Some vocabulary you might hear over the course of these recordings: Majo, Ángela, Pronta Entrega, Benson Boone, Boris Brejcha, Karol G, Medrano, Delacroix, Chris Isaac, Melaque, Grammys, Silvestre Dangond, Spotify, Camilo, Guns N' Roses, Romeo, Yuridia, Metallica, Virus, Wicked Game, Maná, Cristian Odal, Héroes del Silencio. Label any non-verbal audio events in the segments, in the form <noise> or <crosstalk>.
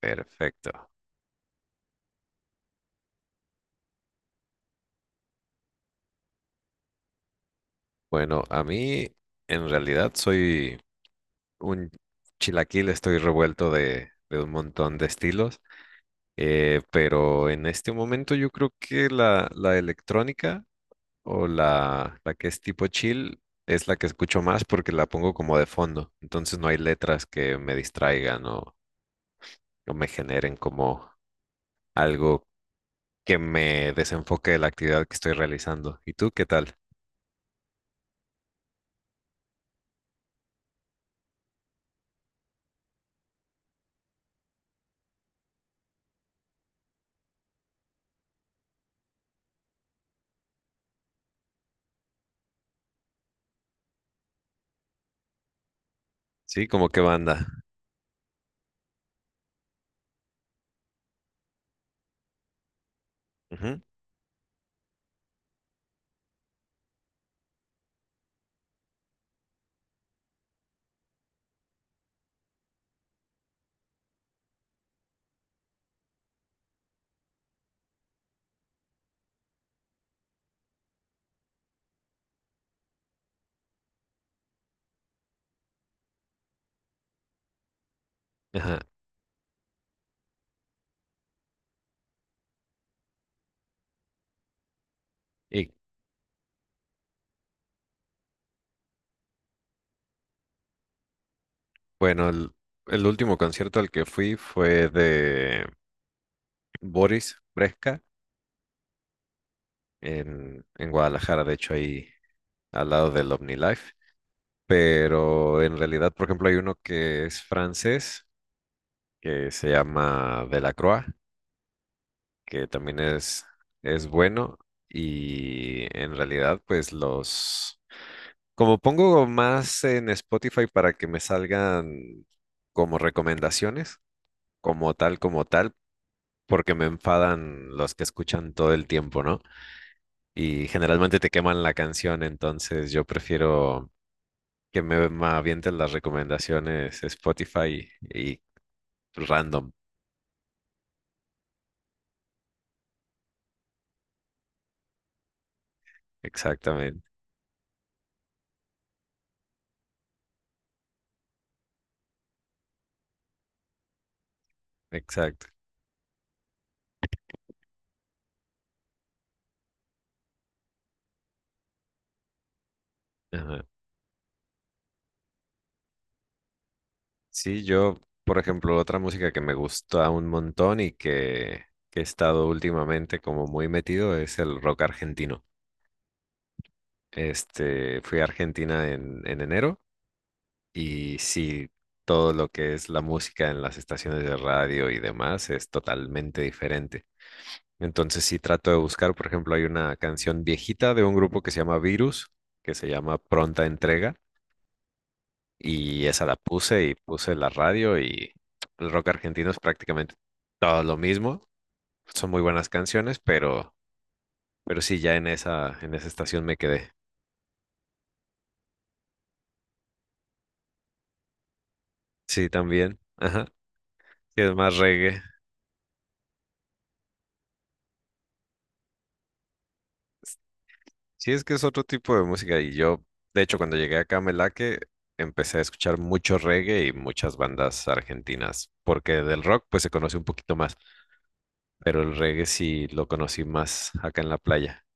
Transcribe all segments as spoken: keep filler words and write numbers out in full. Perfecto. Bueno, a mí en realidad soy un chilaquil, estoy revuelto de, de un montón de estilos, eh, pero en este momento yo creo que la, la electrónica o la, la que es tipo chill es la que escucho más porque la pongo como de fondo, entonces no hay letras que me distraigan o, o me generen como algo que me desenfoque de la actividad que estoy realizando. ¿Y tú qué tal? Sí, ¿como qué banda? Ujú. Ajá. ¿Y Bueno, el, el último concierto al que fui fue de Boris Brejcha en, en Guadalajara, de hecho ahí al lado del OmniLife. Pero en realidad, por ejemplo, hay uno que es francés, que se llama Delacroix, que también es, es bueno. Y en realidad, pues los... Como pongo más en Spotify para que me salgan como recomendaciones, como tal, como tal. Porque me enfadan los que escuchan todo el tiempo, ¿no? Y generalmente te queman la canción, entonces yo prefiero que me me avienten las recomendaciones Spotify y random. Exactamente, exacto. Ajá. Sí, yo, por ejemplo, otra música que me gusta un montón y que, que he estado últimamente como muy metido es el rock argentino. Este, fui a Argentina en, en enero. Y sí, todo lo que es la música en las estaciones de radio y demás es totalmente diferente. Entonces sí trato de buscar, por ejemplo, hay una canción viejita de un grupo que se llama Virus, que se llama Pronta Entrega, y esa la puse y puse la radio y el rock argentino es prácticamente todo lo mismo. Son muy buenas canciones, pero, pero sí ya en esa, en esa estación me quedé. Sí, también. Ajá. Sí, es más reggae. Sí, es que es otro tipo de música y yo, de hecho, cuando llegué acá a Melaque, empecé a escuchar mucho reggae y muchas bandas argentinas, porque del rock pues se conoce un poquito más, pero el reggae sí lo conocí más acá en la playa.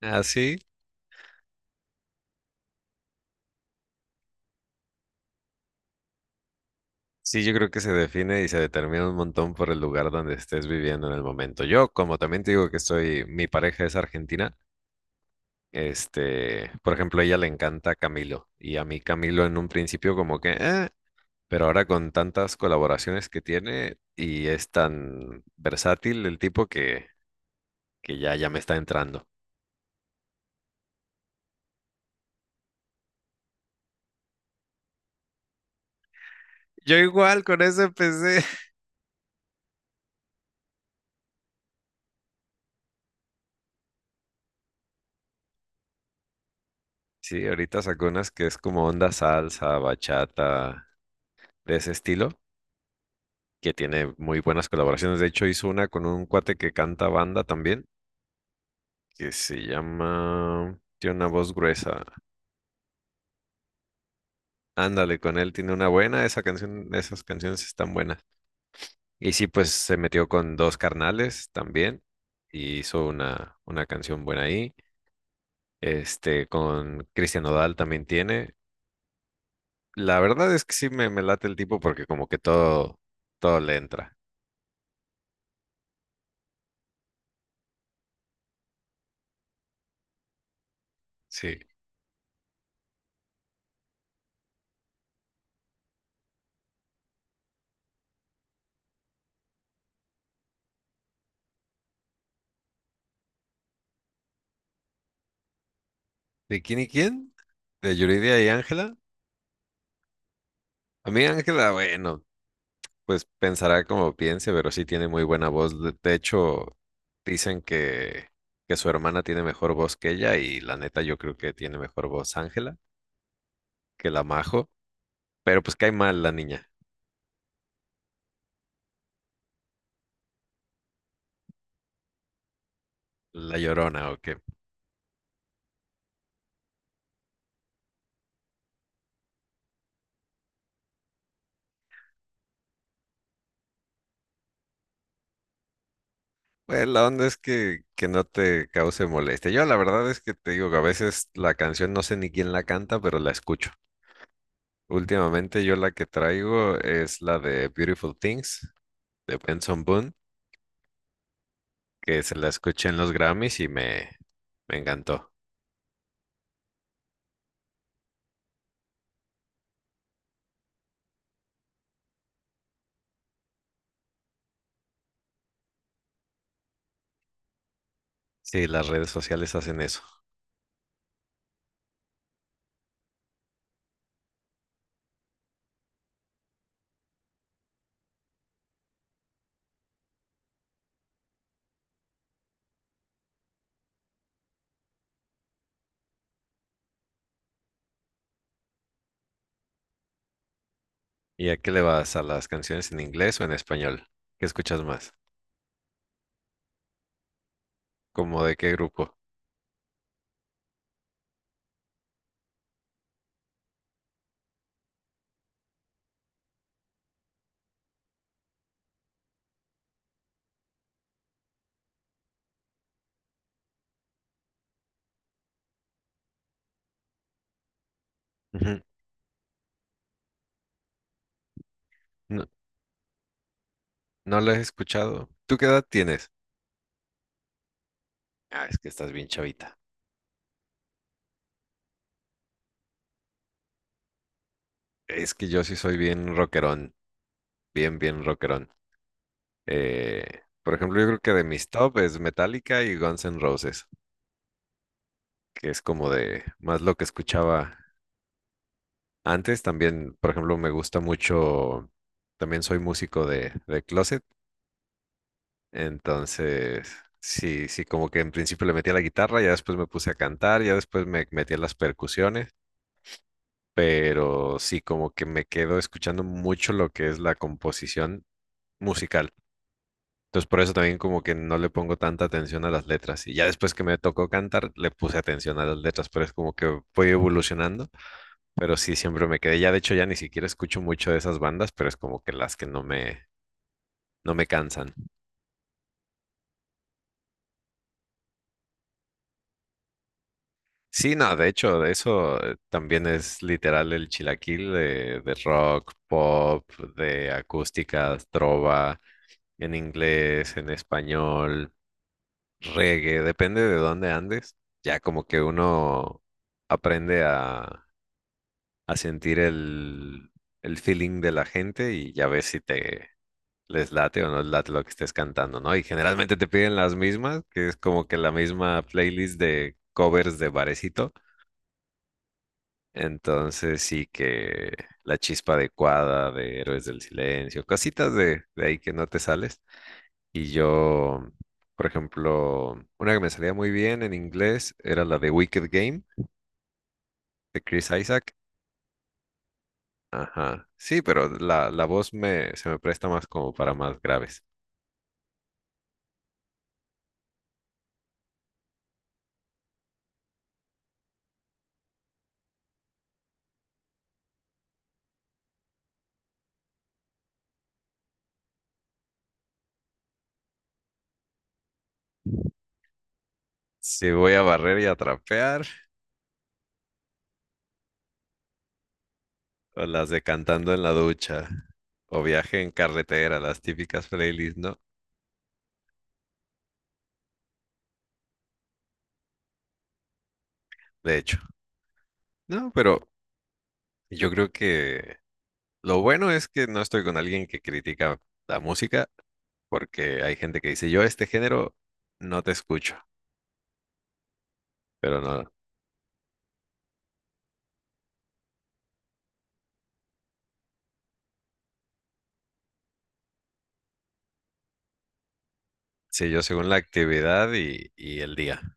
Así, sí, sí, yo creo que se define y se determina un montón por el lugar donde estés viviendo en el momento. Yo, como también te digo que estoy, mi pareja es argentina. Este, por ejemplo, a ella le encanta Camilo y a mí Camilo en un principio como que... "Eh". Pero ahora con tantas colaboraciones que tiene y es tan versátil el tipo que, que ya, ya me está entrando. Yo igual con eso empecé. <laughs> Sí, ahorita sacó unas que es como onda salsa, bachata, de ese estilo, que tiene muy buenas colaboraciones. De hecho, hizo una con un cuate que canta banda también, que se llama... Tiene una voz gruesa. Ándale, con él tiene una buena, esa canción, esas canciones están buenas. Y sí, pues se metió con dos carnales también y hizo una, una canción buena ahí. Este, con Cristian Odal también tiene. La verdad es que sí me, me late el tipo porque como que todo, todo le entra. Sí. ¿De quién y quién? ¿De Yuridia y Ángela? A mí Ángela, bueno, pues pensará como piense, pero sí tiene muy buena voz. De de hecho, dicen que, que su hermana tiene mejor voz que ella y la neta yo creo que tiene mejor voz Ángela que la Majo. Pero pues cae mal la niña, la llorona o qué. Pues la onda es que, que no te cause molestia. Yo la verdad es que te digo que a veces la canción no sé ni quién la canta, pero la escucho. Últimamente yo la que traigo es la de Beautiful Things de Benson Boone, que se la escuché en los Grammys y me, me encantó. Sí, las redes sociales hacen eso. ¿Y a qué le vas? ¿A las canciones en inglés o en español? ¿Qué escuchas más? ¿Cómo de qué grupo? Ujú. No, no las he escuchado. ¿Tú qué edad tienes? Ah, es que estás bien chavita. Es que yo sí soy bien rockerón, bien, bien rockerón. Eh, por ejemplo, yo creo que de mis top es Metallica y Guns N' Roses, que es como de más lo que escuchaba antes. También, por ejemplo, me gusta mucho, también soy músico de, de closet, entonces sí, sí, como que en principio le metí a la guitarra, ya después me puse a cantar, ya después me metí a las percusiones, pero sí, como que me quedo escuchando mucho lo que es la composición musical. Entonces por eso también como que no le pongo tanta atención a las letras. Y ya después que me tocó cantar, le puse atención a las letras, pero es como que voy evolucionando. Pero sí, siempre me quedé. Ya de hecho ya ni siquiera escucho mucho de esas bandas, pero es como que las que no me, no me cansan. Sí, no, de hecho, de eso eh, también es literal el chilaquil de, de rock, pop, de acústica, trova, en inglés, en español. Reggae, depende de dónde andes. Ya como que uno aprende a, a sentir el, el feeling de la gente y ya ves si te les late o no les late lo que estés cantando, ¿no? Y generalmente te piden las mismas, que es como que la misma playlist de covers de barecito. Entonces sí que la chispa adecuada de Héroes del Silencio, cositas de, de ahí que no te sales. Y yo, por ejemplo, una que me salía muy bien en inglés era la de Wicked Game de Chris Isaac. Ajá. Sí, pero la, la voz me, se me presta más como para más graves. Si voy a barrer y a trapear, o las de cantando en la ducha, o viaje en carretera, las típicas playlists, ¿no? De hecho, no, pero yo creo que lo bueno es que no estoy con alguien que critica la música, porque hay gente que dice, yo este género no te escucho, pero no. Sí, yo según la actividad y, y el día.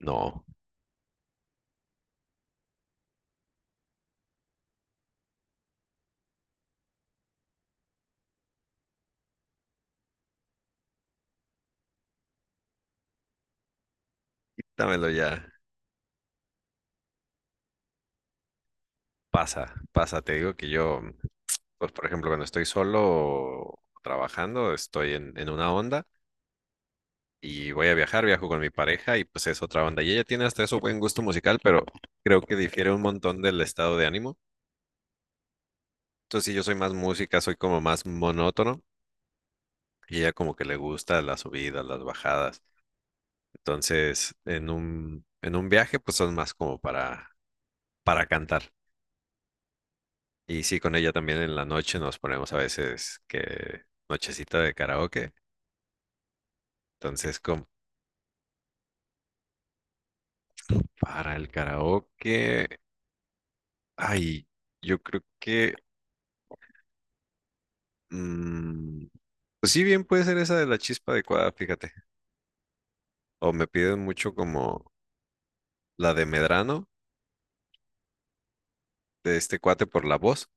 No, dámelo ya. Pasa, pasa. Te digo que yo, pues por ejemplo, cuando estoy solo trabajando, estoy en, en una onda y voy a viajar, viajo con mi pareja y pues es otra onda. Y ella tiene hasta eso buen gusto musical, pero creo que difiere un montón del estado de ánimo. Entonces, si yo soy más música, soy como más monótono y ella como que le gusta las subidas, las bajadas. Entonces, en un, en un viaje, pues son más como para, para cantar. Y sí, con ella también en la noche nos ponemos a veces que nochecita de karaoke. Entonces, con Para el karaoke, ay, yo creo que, mm, pues sí, bien puede ser esa de la chispa adecuada, fíjate. O me piden mucho como la de Medrano, de este cuate por la voz.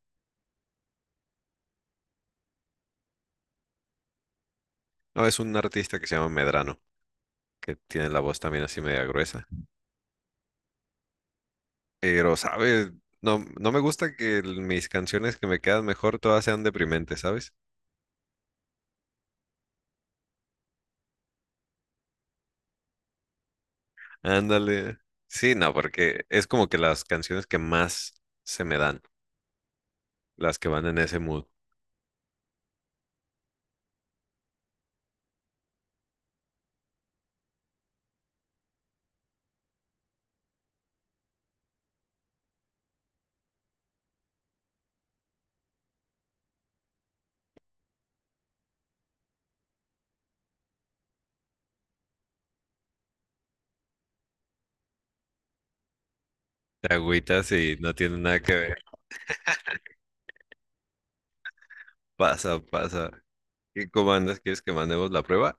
No, es un artista que se llama Medrano, que tiene la voz también así media gruesa. Pero, ¿sabes? No, no me gusta que el- mis canciones que me quedan mejor todas sean deprimentes, ¿sabes? Ándale. Sí, no, porque es como que las canciones que más se me dan, las que van en ese mood. Te agüitas y no tienen nada que ver. Pasa, pasa. ¿Y cómo andas? ¿Quieres que mandemos la prueba?